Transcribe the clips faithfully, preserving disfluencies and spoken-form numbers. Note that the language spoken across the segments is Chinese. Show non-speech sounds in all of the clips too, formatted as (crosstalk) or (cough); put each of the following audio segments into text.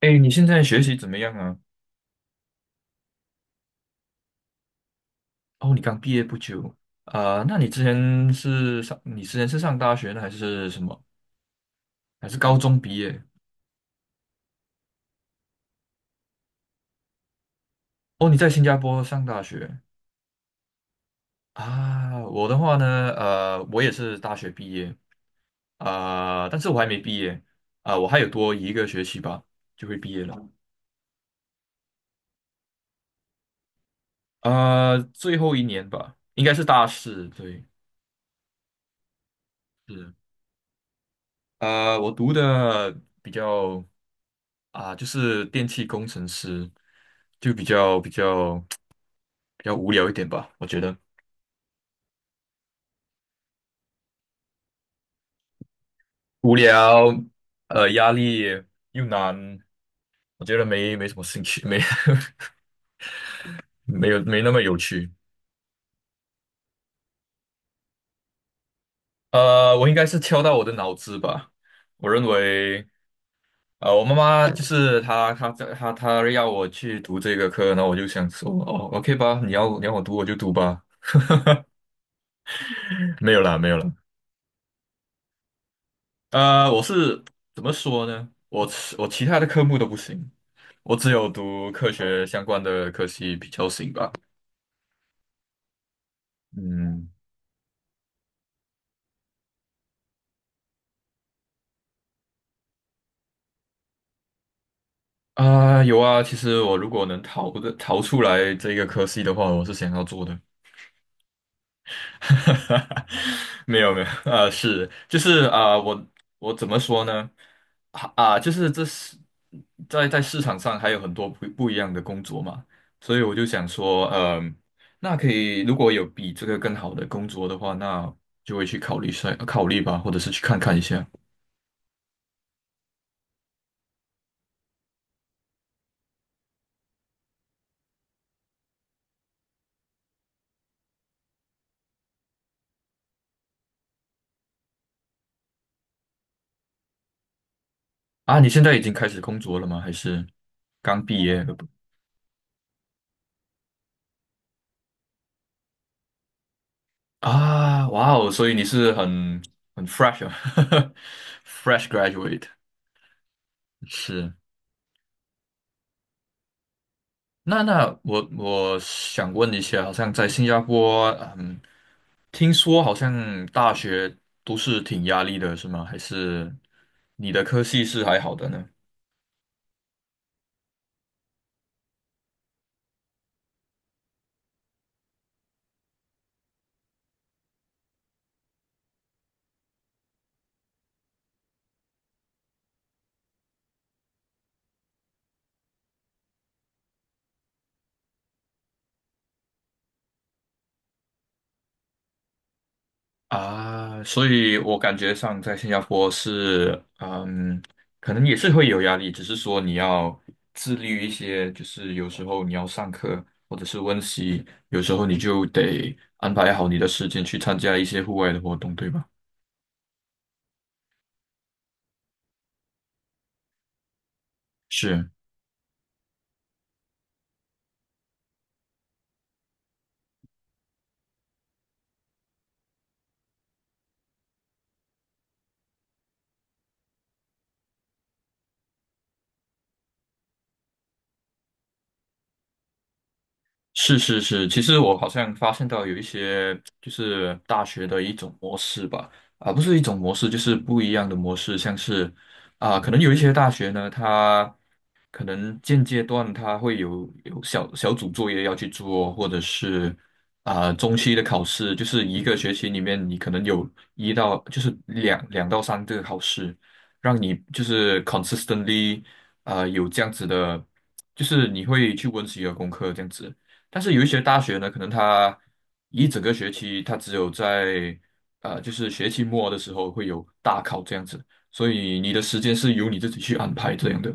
哎，你现在学习怎么样啊？哦，你刚毕业不久。啊，那你之前是上，你之前是上大学呢，还是什么？还是高中毕业？哦，你在新加坡上大学。啊？我的话呢，呃，我也是大学毕业。啊，但是我还没毕业。啊，我还有多一个学期吧，就会毕业了。啊，最后一年吧，应该是大四，对，是呃，我读的比较啊，就是电气工程师，就比较比较。比较无聊一点吧，我觉得无聊，呃，压力又难，我觉得没没什么兴趣，没 (laughs) 没有没那么有趣。呃，我应该是敲到我的脑子吧。我认为，呃，我妈妈就是她，她在她她要我去读这个课，然后我就想说，哦，OK 吧，你要你要我读我就读吧。没有啦，没有啦。呃，我是怎么说呢？我其我其他的科目都不行，我只有读科学相关的科系比较行吧。嗯。啊，有啊，其实我如果能逃的逃出来这个科系的话，我是想要做的。(laughs) 没有没有，啊，是就是啊，我我怎么说呢？啊，啊就是这是在在市场上还有很多不不一样的工作嘛，所以我就想说，嗯、那可以如果有比这个更好的工作的话，那就会去考虑一下考虑吧，或者是去看看一下。啊，你现在已经开始工作了吗？还是刚毕业？啊，哇哦，所以你是很很 fresh 啊 (laughs)，fresh graduate 是。那那我我想问一下，好像在新加坡，嗯，听说好像大学都是挺压力的，是吗？还是你的科系是还好的呢？啊，所以我感觉上在新加坡是，嗯，可能也是会有压力，只是说你要自律一些，就是有时候你要上课或者是温习，有时候你就得安排好你的时间去参加一些户外的活动，对吧？是。是是是，其实我好像发现到有一些就是大学的一种模式吧，啊，不是一种模式，就是不一样的模式，像是啊，可能有一些大学呢，它可能现阶段它会有有小小组作业要去做，或者是啊中期的考试，就是一个学期里面你可能有一到就是两两到三个考试，让你就是 consistently 啊有这样子的，就是你会去温习你的功课这样子。但是有一些大学呢，可能它一整个学期，它只有在呃，就是学期末的时候会有大考这样子，所以你的时间是由你自己去安排这样的。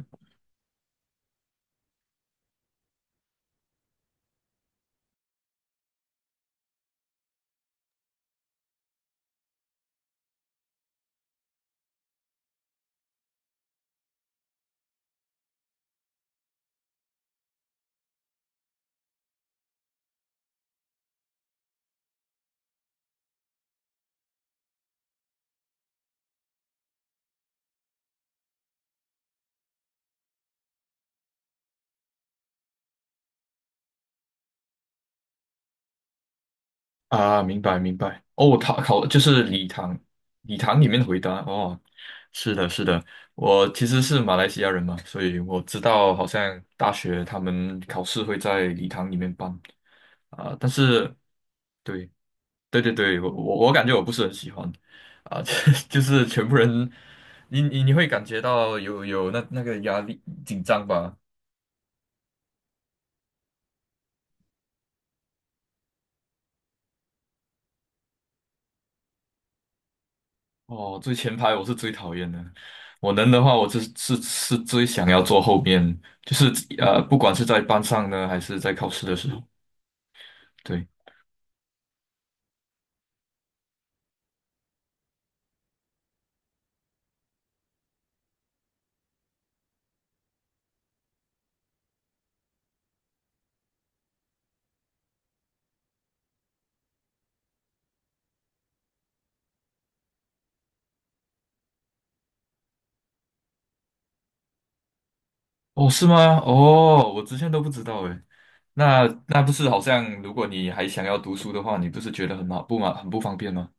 啊，明白明白。哦，他考就是礼堂，礼堂里面回答哦，是的，是的，我其实是马来西亚人嘛，所以我知道好像大学他们考试会在礼堂里面办啊，但是。对。对对对，我我我感觉我不是很喜欢，啊，(laughs) 就是全部人，你你你会感觉到有有那那个压力紧张吧？哦，最前排我是最讨厌的，我能的话我是是是最想要坐后面，就是呃，不管是在班上呢，还是在考试的时候，对，哦，是吗？哦，我之前都不知道诶，那那不是好像如果你还想要读书的话，你不是觉得很麻不麻很不方便吗？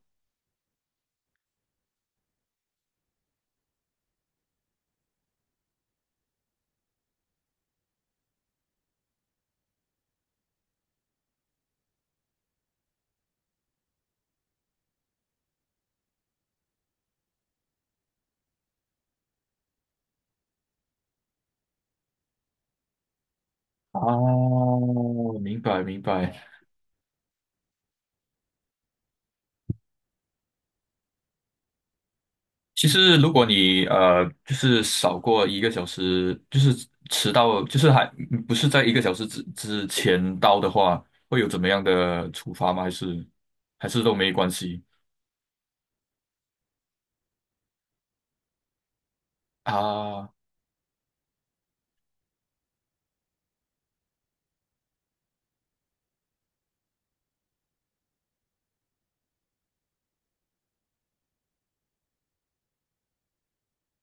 哦，明白明白。其实，如果你呃，就是少过一个小时，就是迟到，就是还不是在一个小时之之前到的话，会有怎么样的处罚吗？还是还是都没关系啊？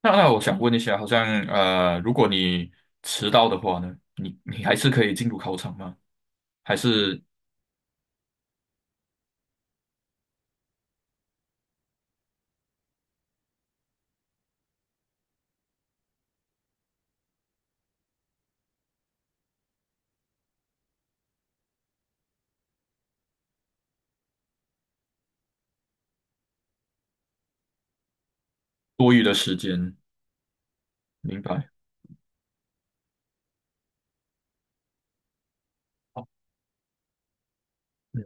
那那我想问一下，好像呃，如果你迟到的话呢，你你还是可以进入考场吗？还是多余的时间？明白？哦嗯，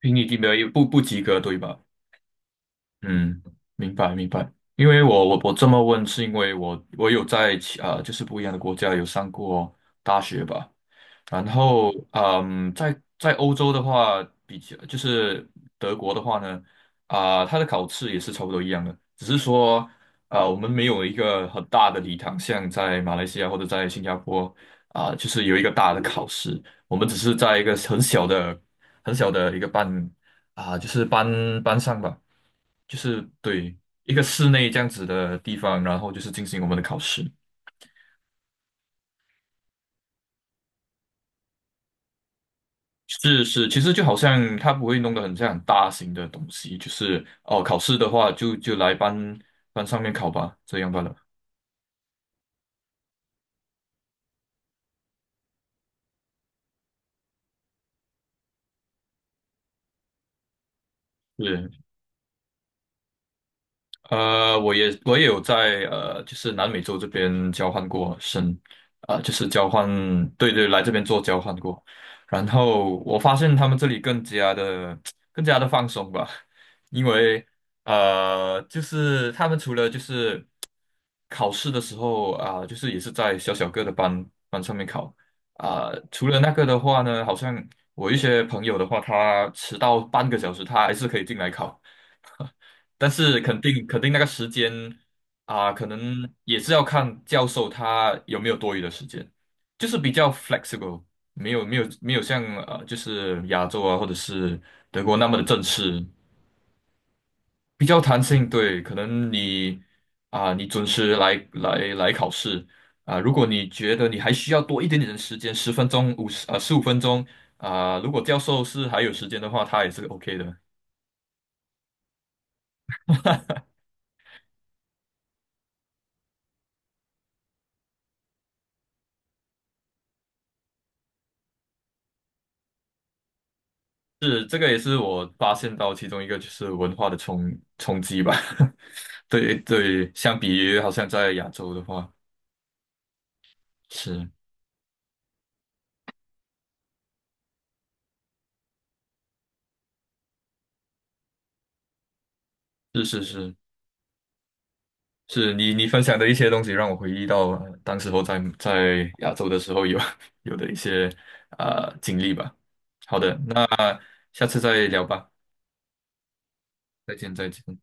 评你没有不不及格，对吧？嗯，明白明白。因为我我我这么问，是因为我我有在其啊、就是不一样的国家有上过大学吧。然后嗯，在在欧洲的话，比较就是德国的话呢，啊、它的考试也是差不多一样的，只是说啊、我们没有一个很大的礼堂，像在马来西亚或者在新加坡啊、就是有一个大的考试，我们只是在一个很小的很小的一个班啊、就是班班上吧。就是对一个室内这样子的地方，然后就是进行我们的考试。是是，其实就好像它不会弄得很像很大型的东西，就是哦，考试的话就就来班班上面考吧，这样罢了。是呃，我也我也有在呃，就是南美洲这边交换过生，呃，就是交换，对对，来这边做交换过。然后我发现他们这里更加的 (tsk) 更加的放松吧，因为呃，就是他们除了就是考试的时候啊、就是也是在小小个的班班上面考啊、除了那个的话呢，好像我一些朋友的话，他迟到半个小时，他还是可以进来考。但是肯定肯定那个时间啊，可能也是要看教授他有没有多余的时间，就是比较 flexible，没有没有没有像呃，就是亚洲啊或者是德国那么的正式，比较弹性。对，可能你啊，你准时来来来考试啊，如果你觉得你还需要多一点点的时间，十分钟、五十呃十五分钟啊，如果教授是还有时间的话，他也是 OK 的。是，这个也是我发现到其中一个就是文化的冲冲击吧。(laughs) 对对，相比于好像在亚洲的话，是是是是，是，你你分享的一些东西让我回忆到呃当时候在在亚洲的时候有 (laughs) 有的一些啊、呃经历吧。好的，那下次再聊吧，再见再见。